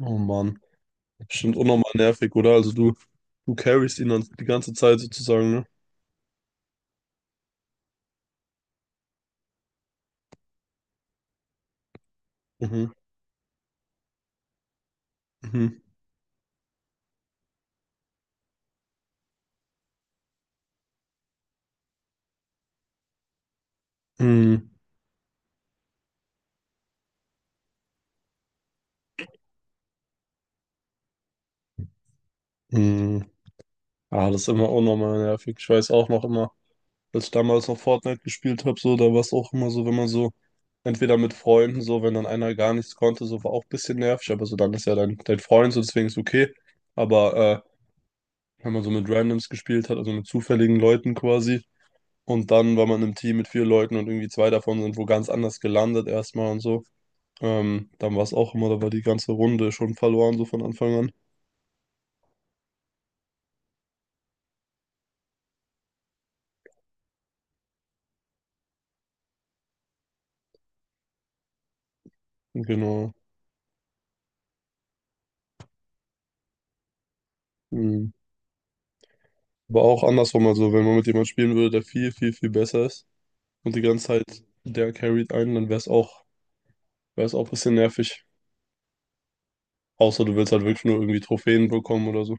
Oh Mann. Bestimmt unnormal nervig, oder? Also du carryst ihn dann die ganze Zeit sozusagen, ne? Mhm, mhm, mhm, mhm. Ah, das ist immer unnormal nervig. Ich weiß auch noch immer, als ich damals noch Fortnite gespielt habe, so, da war es auch immer so, wenn man so, entweder mit Freunden, so, wenn dann einer gar nichts konnte, so war auch ein bisschen nervig, aber so dann ist ja dein Freund, so deswegen ist okay. Aber wenn man so mit Randoms gespielt hat, also mit zufälligen Leuten quasi, und dann war man im Team mit vier Leuten und irgendwie zwei davon sind wo ganz anders gelandet erstmal und so. Dann war es auch immer, da war die ganze Runde schon verloren, so von Anfang an. Genau. Mhm. Aber auch andersrum, also wenn man mit jemandem spielen würde, der viel, viel, viel besser ist und die ganze Zeit der carried einen, dann wäre es auch ein bisschen nervig. Außer du willst halt wirklich nur irgendwie Trophäen bekommen oder so.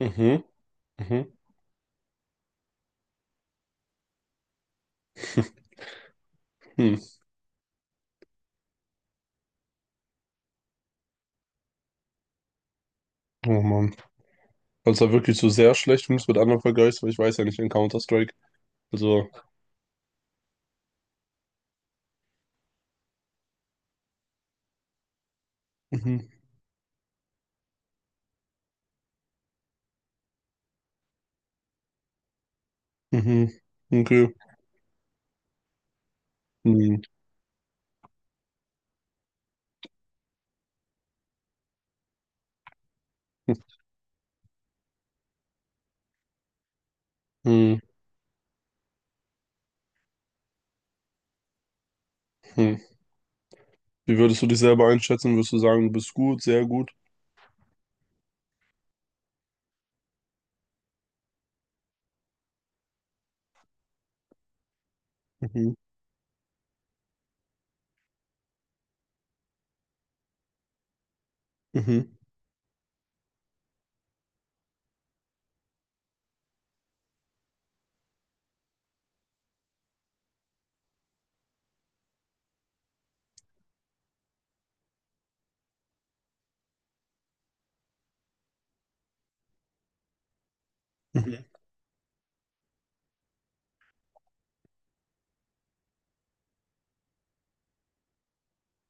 Mhm, mhm. Hm. Oh Mann. Also da wirklich so sehr schlecht, wenn du es mit anderen vergleichst, weil ich weiß ja nicht in Counter-Strike. Also. Mhm, mhm. Okay. Hm, hm, hm. Hm. Wie würdest du dich selber einschätzen? Würdest du sagen, du bist gut, sehr gut? Mhm. Mhm. Mhm.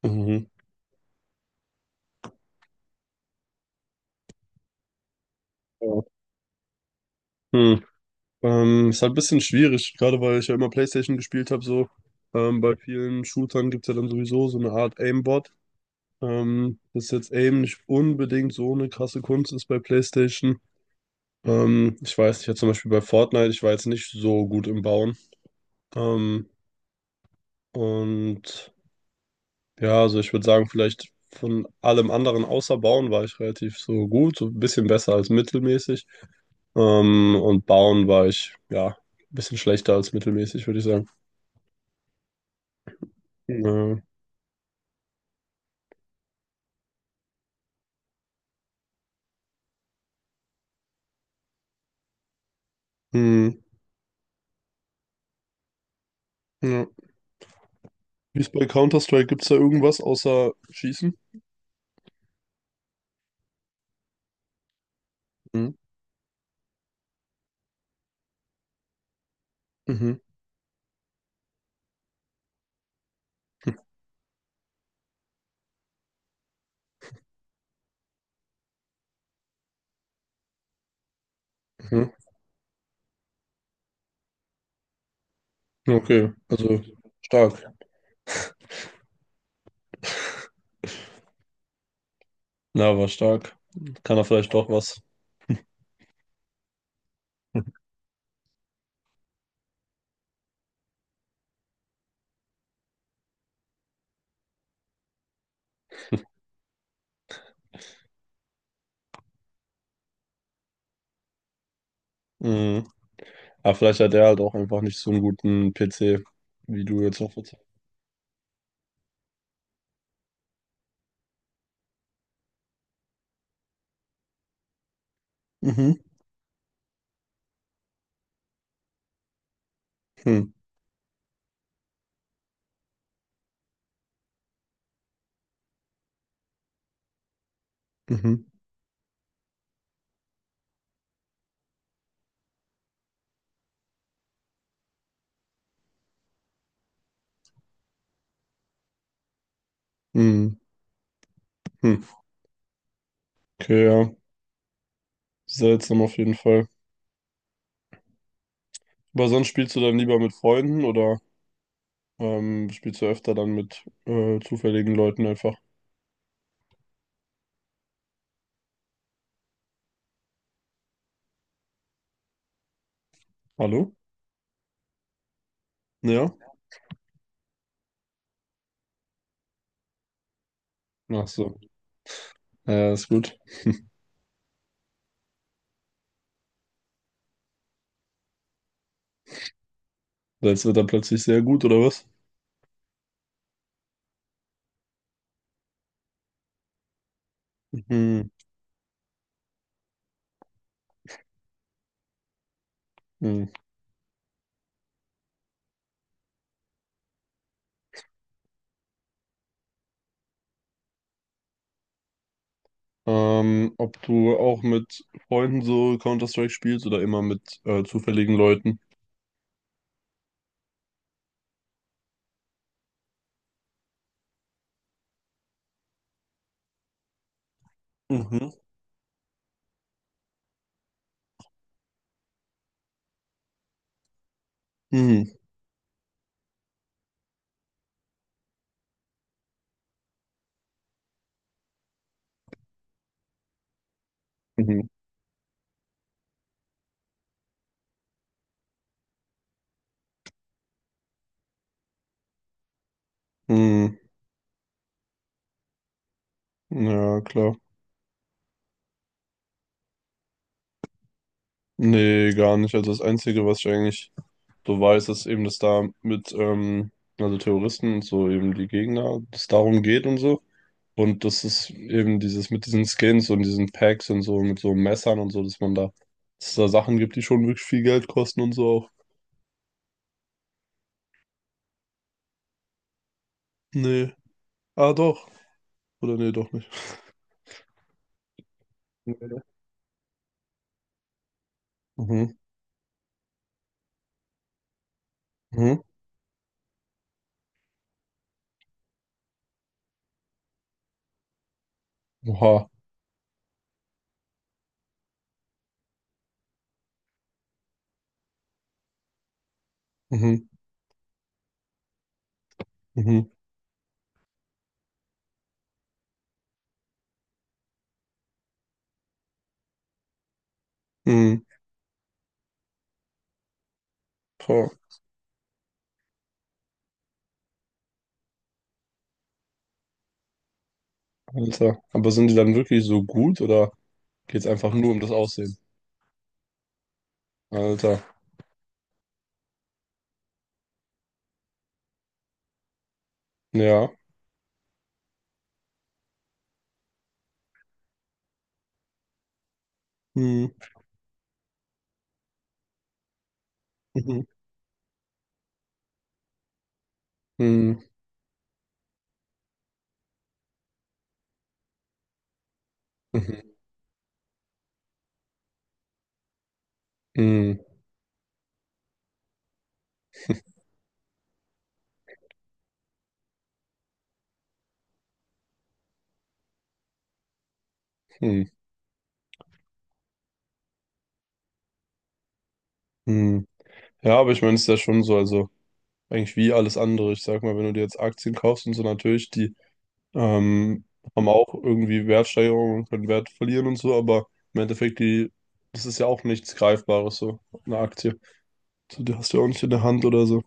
Mhm. Ja. Hm. Ist halt ein bisschen schwierig, gerade weil ich ja immer PlayStation gespielt habe, so. Bei vielen Shootern gibt es ja dann sowieso so eine Art Aimbot. Dass jetzt Aim nicht unbedingt so eine krasse Kunst ist bei PlayStation. Ich weiß nicht, ja, zum Beispiel bei Fortnite, ich war jetzt nicht so gut im Bauen. Ähm, und ja, also ich würde sagen, vielleicht von allem anderen außer Bauen war ich relativ so gut, so ein bisschen besser als mittelmäßig. Und Bauen war ich, ja, ein bisschen schlechter als mittelmäßig, würde ich sagen. Äh, hm, ja. Wie ist bei Counter-Strike? Gibt es da irgendwas außer Schießen? Hm. Mhm, mhm. Okay, also stark. Na, war stark. Kann er vielleicht doch was. Mhm. Aber vielleicht hat er halt auch einfach nicht so einen guten PC, wie du jetzt auch verzeihst. Mhm. Hm. Mhm. Mhm. Hm. Okay, ja. Seltsam auf jeden Fall. Aber sonst spielst du dann lieber mit Freunden oder? Spielst du öfter dann mit zufälligen Leuten einfach? Hallo? Ja? Ach so. Ja, ist gut. Jetzt wird er plötzlich sehr gut, oder was? Hm, hm. Ob du auch mit Freunden so Counter-Strike spielst oder immer mit zufälligen Leuten? Mhm. Mhm. Mhm. Mhm. Ja, klar. Nee, gar nicht. Also das Einzige, was ich eigentlich so weiß, ist eben, dass da mit, also Terroristen und so eben die Gegner, dass es darum geht und so. Und das ist eben dieses mit diesen Skins und diesen Packs und so, mit so Messern und so, dass man da, dass es da Sachen gibt, die schon wirklich viel Geld kosten und so auch. Nee. Ah, doch. Oder nee, doch nicht. Nee. Mhm. Mhm. Oha. Mhm. Mhm. Mhm. Boah, Alter. Aber sind die dann wirklich so gut oder geht's einfach nur um das Aussehen? Alter. Ja. Mhm. Mhm. Mhm. Mhm. Mhm. Mhm. Mhm. Ja, aber ich meine, es ist ja schon so, also eigentlich wie alles andere. Ich sag mal, wenn du dir jetzt Aktien kaufst und so, natürlich, die Ähm, haben auch irgendwie Wertsteigerungen und können Wert verlieren und so, aber im Endeffekt, die, das ist ja auch nichts Greifbares, so eine Aktie. So, die hast du ja auch nicht in der Hand oder so.